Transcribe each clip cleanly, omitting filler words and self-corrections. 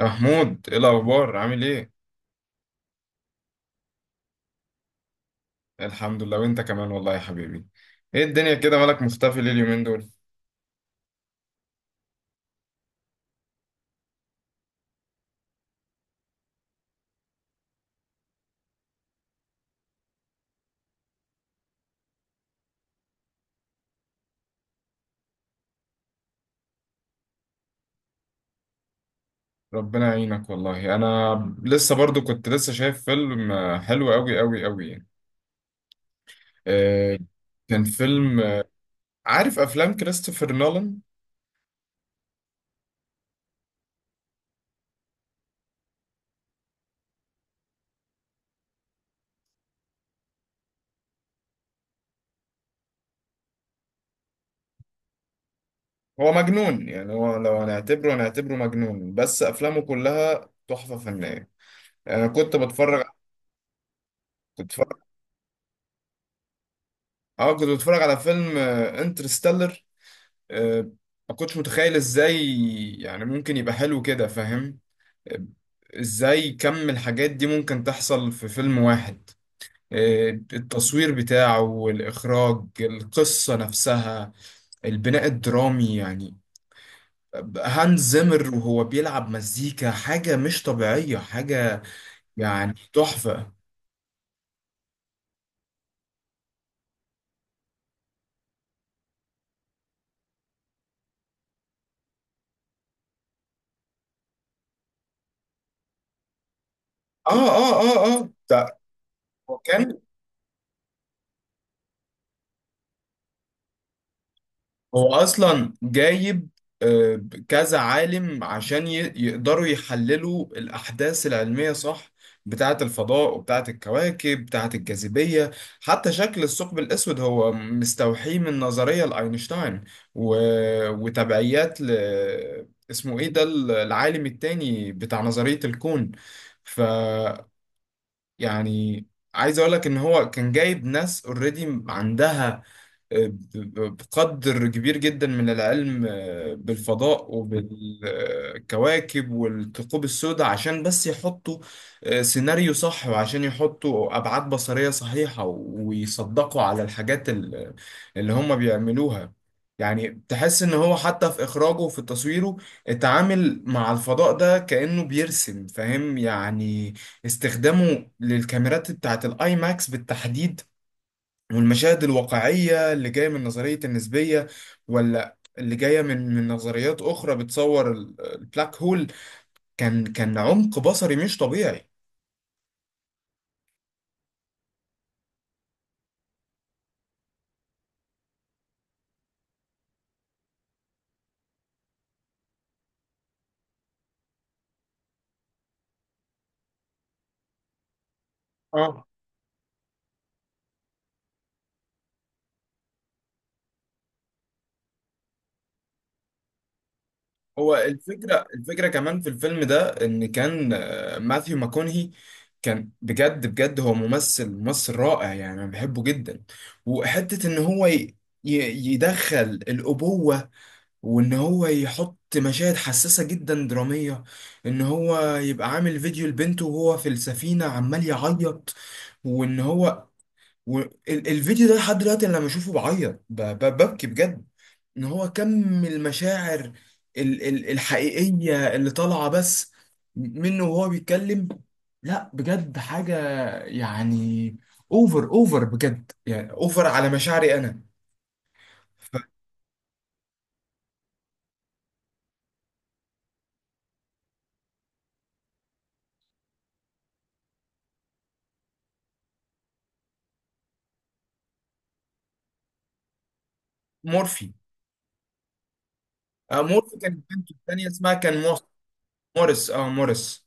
يا محمود، ايه الاخبار؟ عامل ايه؟ الحمد لله، وانت كمان والله يا حبيبي. ايه الدنيا كده؟ مالك مختفي ليه اليومين دول؟ ربنا يعينك والله. انا لسه برضو كنت لسه شايف فيلم حلو قوي قوي قوي يعني. آه، كان فيلم. عارف افلام كريستوفر نولان؟ هو مجنون يعني، هو لو هنعتبره مجنون، بس افلامه كلها تحفة فنية. انا كنت بتفرج اه كنت بتفرج على فيلم انترستيلر. آه، ما كنتش متخيل ازاي يعني ممكن يبقى حلو كده، فاهم؟ آه، ازاي كم الحاجات دي ممكن تحصل في فيلم واحد؟ التصوير بتاعه والإخراج، القصة نفسها، البناء الدرامي يعني. هانز زيمر وهو بيلعب مزيكا، حاجة مش طبيعية، حاجة يعني تحفة. اه، اه، اه، اه، ده. وكان، هو اصلا جايب آه، كذا عالم عشان يقدروا يحللوا الاحداث العلميه، صح، بتاعه الفضاء وبتاعه الكواكب بتاعه الجاذبيه. حتى شكل الثقب الاسود هو مستوحي من نظريه لاينشتاين، و... وتبعيات اسمه ايه ده، العالم التاني بتاع نظريه الكون. ف يعني عايز اقول لك ان هو كان جايب ناس اوريدي عندها بقدر كبير جدا من العلم، بالفضاء وبالكواكب والثقوب السوداء، عشان بس يحطوا سيناريو صح، وعشان يحطوا أبعاد بصرية صحيحة ويصدقوا على الحاجات اللي هم بيعملوها. يعني تحس إن هو، حتى في إخراجه وفي تصويره، اتعامل مع الفضاء ده كأنه بيرسم، فاهم يعني. استخدامه للكاميرات بتاعت الآي ماكس بالتحديد والمشاهد الواقعية اللي جاية من نظرية النسبية، ولا اللي جاية من نظريات أخرى بتصور البلاك هول، كان عمق بصري مش طبيعي. اه، هو الفكرة كمان في الفيلم ده، إن كان ماثيو ماكونهي كان بجد بجد، هو ممثل رائع يعني، أنا بحبه جدا. وحتة إن هو يدخل الأبوة، وان هو يحط مشاهد حساسة جدا درامية، ان هو يبقى عامل فيديو لبنته وهو في السفينة عمال يعيط. وان هو، الفيديو ده لحد دلوقتي أنا لما اشوفه بعيط، ببكي بجد. ان هو كم المشاعر الحقيقية اللي طالعة بس منه وهو بيتكلم. لا بجد، حاجة يعني، اوفر اوفر بجد، يعني اوفر على مشاعري انا. مورفي. مورفي كانت بنته التانية، اسمها كان موريس، اه، موريس.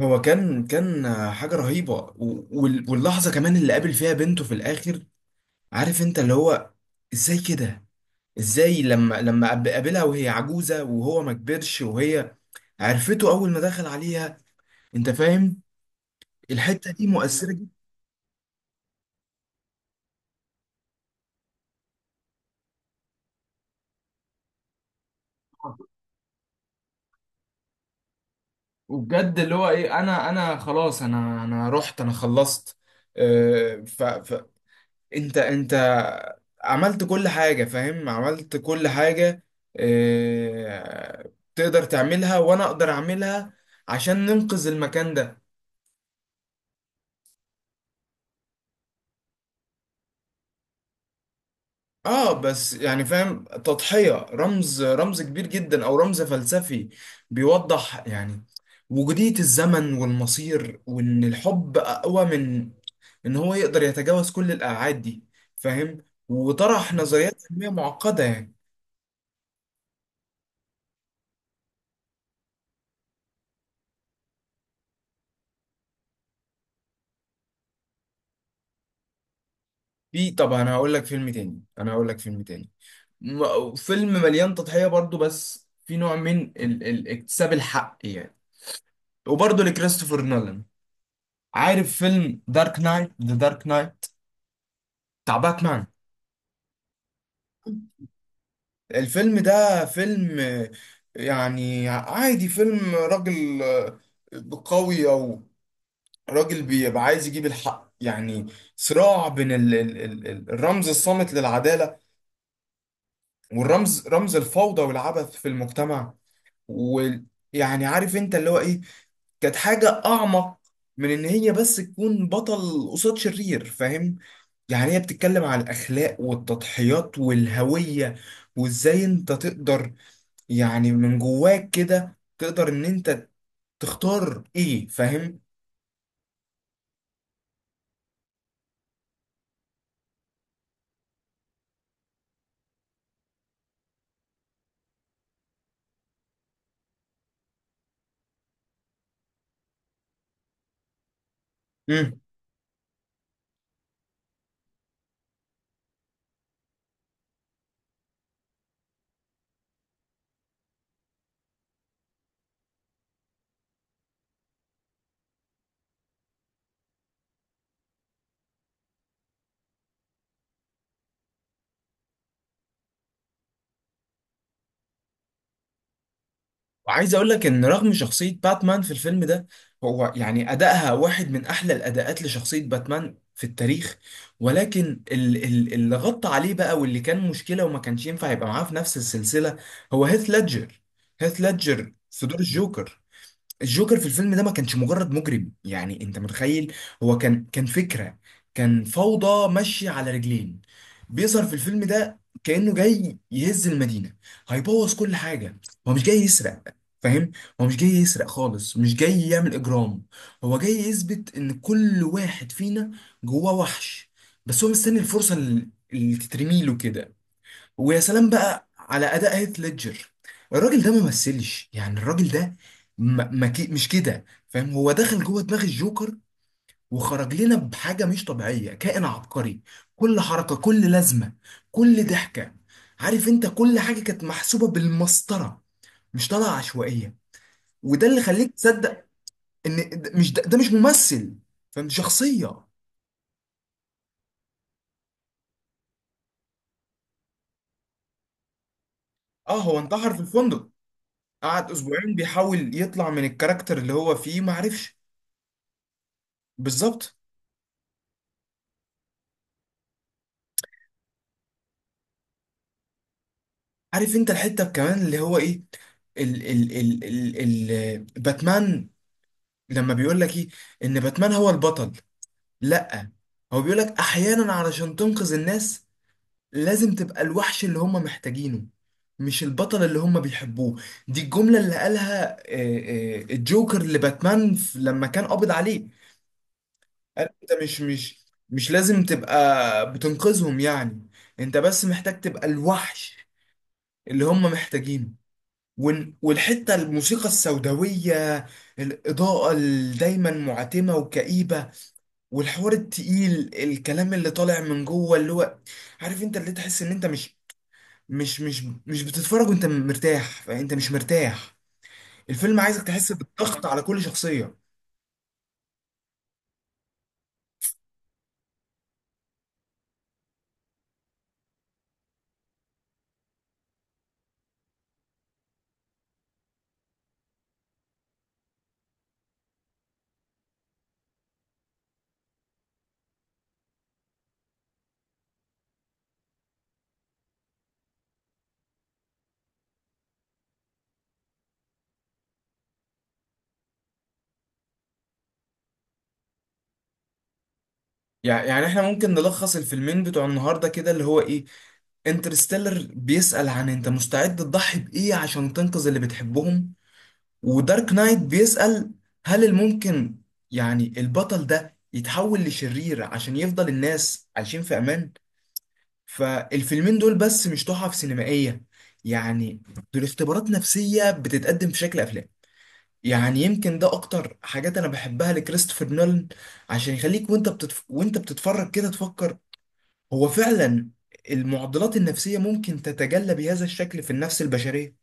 هو كان حاجة رهيبة، واللحظة كمان اللي قابل فيها بنته في الآخر. عارف انت اللي هو، ازاي كده؟ ازاي لما قابلها وهي عجوزة وهو ما كبرش، وهي عرفته أول ما دخل عليها، انت فاهم؟ الحتة دي مؤثرة جدا. وبجد اللي هو ايه، انا خلاص، انا رحت، انا خلصت. انت عملت كل حاجة، فاهم؟ عملت كل حاجة. اه، تقدر تعملها وانا اقدر اعملها عشان ننقذ المكان ده. اه، بس يعني فاهم، تضحية، رمز كبير جدا او رمز فلسفي بيوضح يعني وجودية الزمن والمصير، وان الحب اقوى من ان هو يقدر يتجاوز كل الابعاد دي، فاهم؟ وطرح نظريات علمية معقدة يعني. في طبعا هقول لك فيلم تاني، انا هقول لك فيلم تاني، فيلم مليان تضحية برضو، بس في نوع من اكتساب الحق يعني، وبرضو لكريستوفر نولان. عارف فيلم دارك نايت، ذا دارك نايت، بتاع باتمان؟ الفيلم ده فيلم، يعني عادي، فيلم راجل قوي، او راجل بيبقى عايز يجيب الحق يعني. صراع بين ال ال ال الرمز الصامت للعدالة، والرمز، رمز الفوضى والعبث في المجتمع. ويعني عارف انت اللي هو ايه، كانت حاجة أعمق من إن هي بس تكون بطل قصاد شرير، فاهم؟ يعني هي بتتكلم على الأخلاق والتضحيات والهوية، وإزاي أنت تقدر، يعني من جواك كده، تقدر إن أنت تختار إيه، فاهم؟ وعايز اقول لك ان رغم شخصية باتمان في الفيلم ده، هو يعني ادائها واحد من احلى الاداءات لشخصية باتمان في التاريخ، ولكن اللي غطى عليه بقى، واللي كان مشكلة وما كانش ينفع يبقى معاه في نفس السلسلة، هو هيث ليدجر. هيث ليدجر في دور الجوكر. الجوكر في الفيلم ده ما كانش مجرد مجرم، يعني انت متخيل، هو كان فكرة، كان فوضى ماشية على رجلين. بيظهر في الفيلم ده كأنه جاي يهز المدينة، هيبوظ كل حاجة. هو مش جاي يسرق، فاهم؟ هو مش جاي يسرق خالص، مش جاي يعمل إجرام. هو جاي يثبت إن كل واحد فينا جواه وحش، بس هو مستني الفرصة اللي تترميله كده. ويا سلام بقى على اداء هيث ليدجر. الراجل ده ما مثلش يعني، الراجل ده ما ما كي مش كده، فاهم؟ هو دخل جوه دماغ الجوكر وخرج لنا بحاجه مش طبيعيه، كائن عبقري. كل حركه، كل لازمه، كل ضحكه، عارف انت، كل حاجه كانت محسوبه بالمسطره، مش طالعه عشوائيه. وده اللي خليك تصدق ان ده مش ممثل، فاهم؟ دي شخصيه. اه، هو انتحر في الفندق، قعد اسبوعين بيحاول يطلع من الكاركتر اللي هو فيه، ما عرفش. بالظبط. عارف انت الحته كمان اللي هو ايه، ال ال ال ال ال باتمان، لما بيقول لك ايه ان باتمان هو البطل؟ لا. هو بيقول لك احيانا، علشان تنقذ الناس لازم تبقى الوحش اللي هم محتاجينه، مش البطل اللي هم بيحبوه. دي الجملة اللي قالها الجوكر لباتمان لما كان قابض عليه. قال انت مش لازم تبقى بتنقذهم يعني، انت بس محتاج تبقى الوحش اللي هم محتاجينه. والحتة، الموسيقى السوداوية، الإضاءة اللي دايما معتمة وكئيبة، والحوار التقيل، الكلام اللي طالع من جوه، اللي هو عارف انت، اللي تحس ان انت مش، مش بتتفرج وانت مرتاح، فانت مش مرتاح. الفيلم عايزك تحس بالضغط على كل شخصية. يعني احنا ممكن نلخص الفيلمين بتوع النهاردة كده، اللي هو ايه، انترستيلر بيسأل، عن انت مستعد تضحي بإيه عشان تنقذ اللي بتحبهم؟ ودارك نايت بيسأل، هل الممكن يعني البطل ده يتحول لشرير عشان يفضل الناس عايشين في أمان؟ فالفيلمين دول بس مش تحف سينمائية يعني، دول اختبارات نفسية بتتقدم في شكل أفلام. يعني يمكن ده أكتر حاجات أنا بحبها لكريستوفر نولان، عشان يخليك وأنت بتتفرج كده تفكر، هو فعلا المعضلات النفسية ممكن تتجلى بهذا الشكل في النفس البشرية.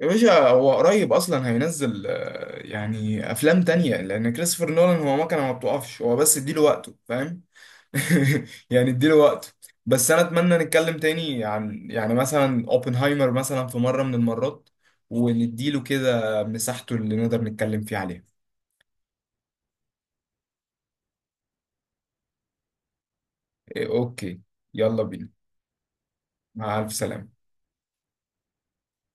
يا باشا، هو قريب اصلا هينزل يعني افلام تانية، لان كريستوفر نولان هو مكنه ما بتقفش، هو بس اديله وقته، فاهم؟ يعني اديله وقته. بس انا اتمنى نتكلم تاني عن، يعني مثلا، اوبنهايمر مثلا في مره من المرات، ونديله كده مساحته اللي نقدر نتكلم فيه عليها. إيه، اوكي. يلا بينا. مع الف سلامه.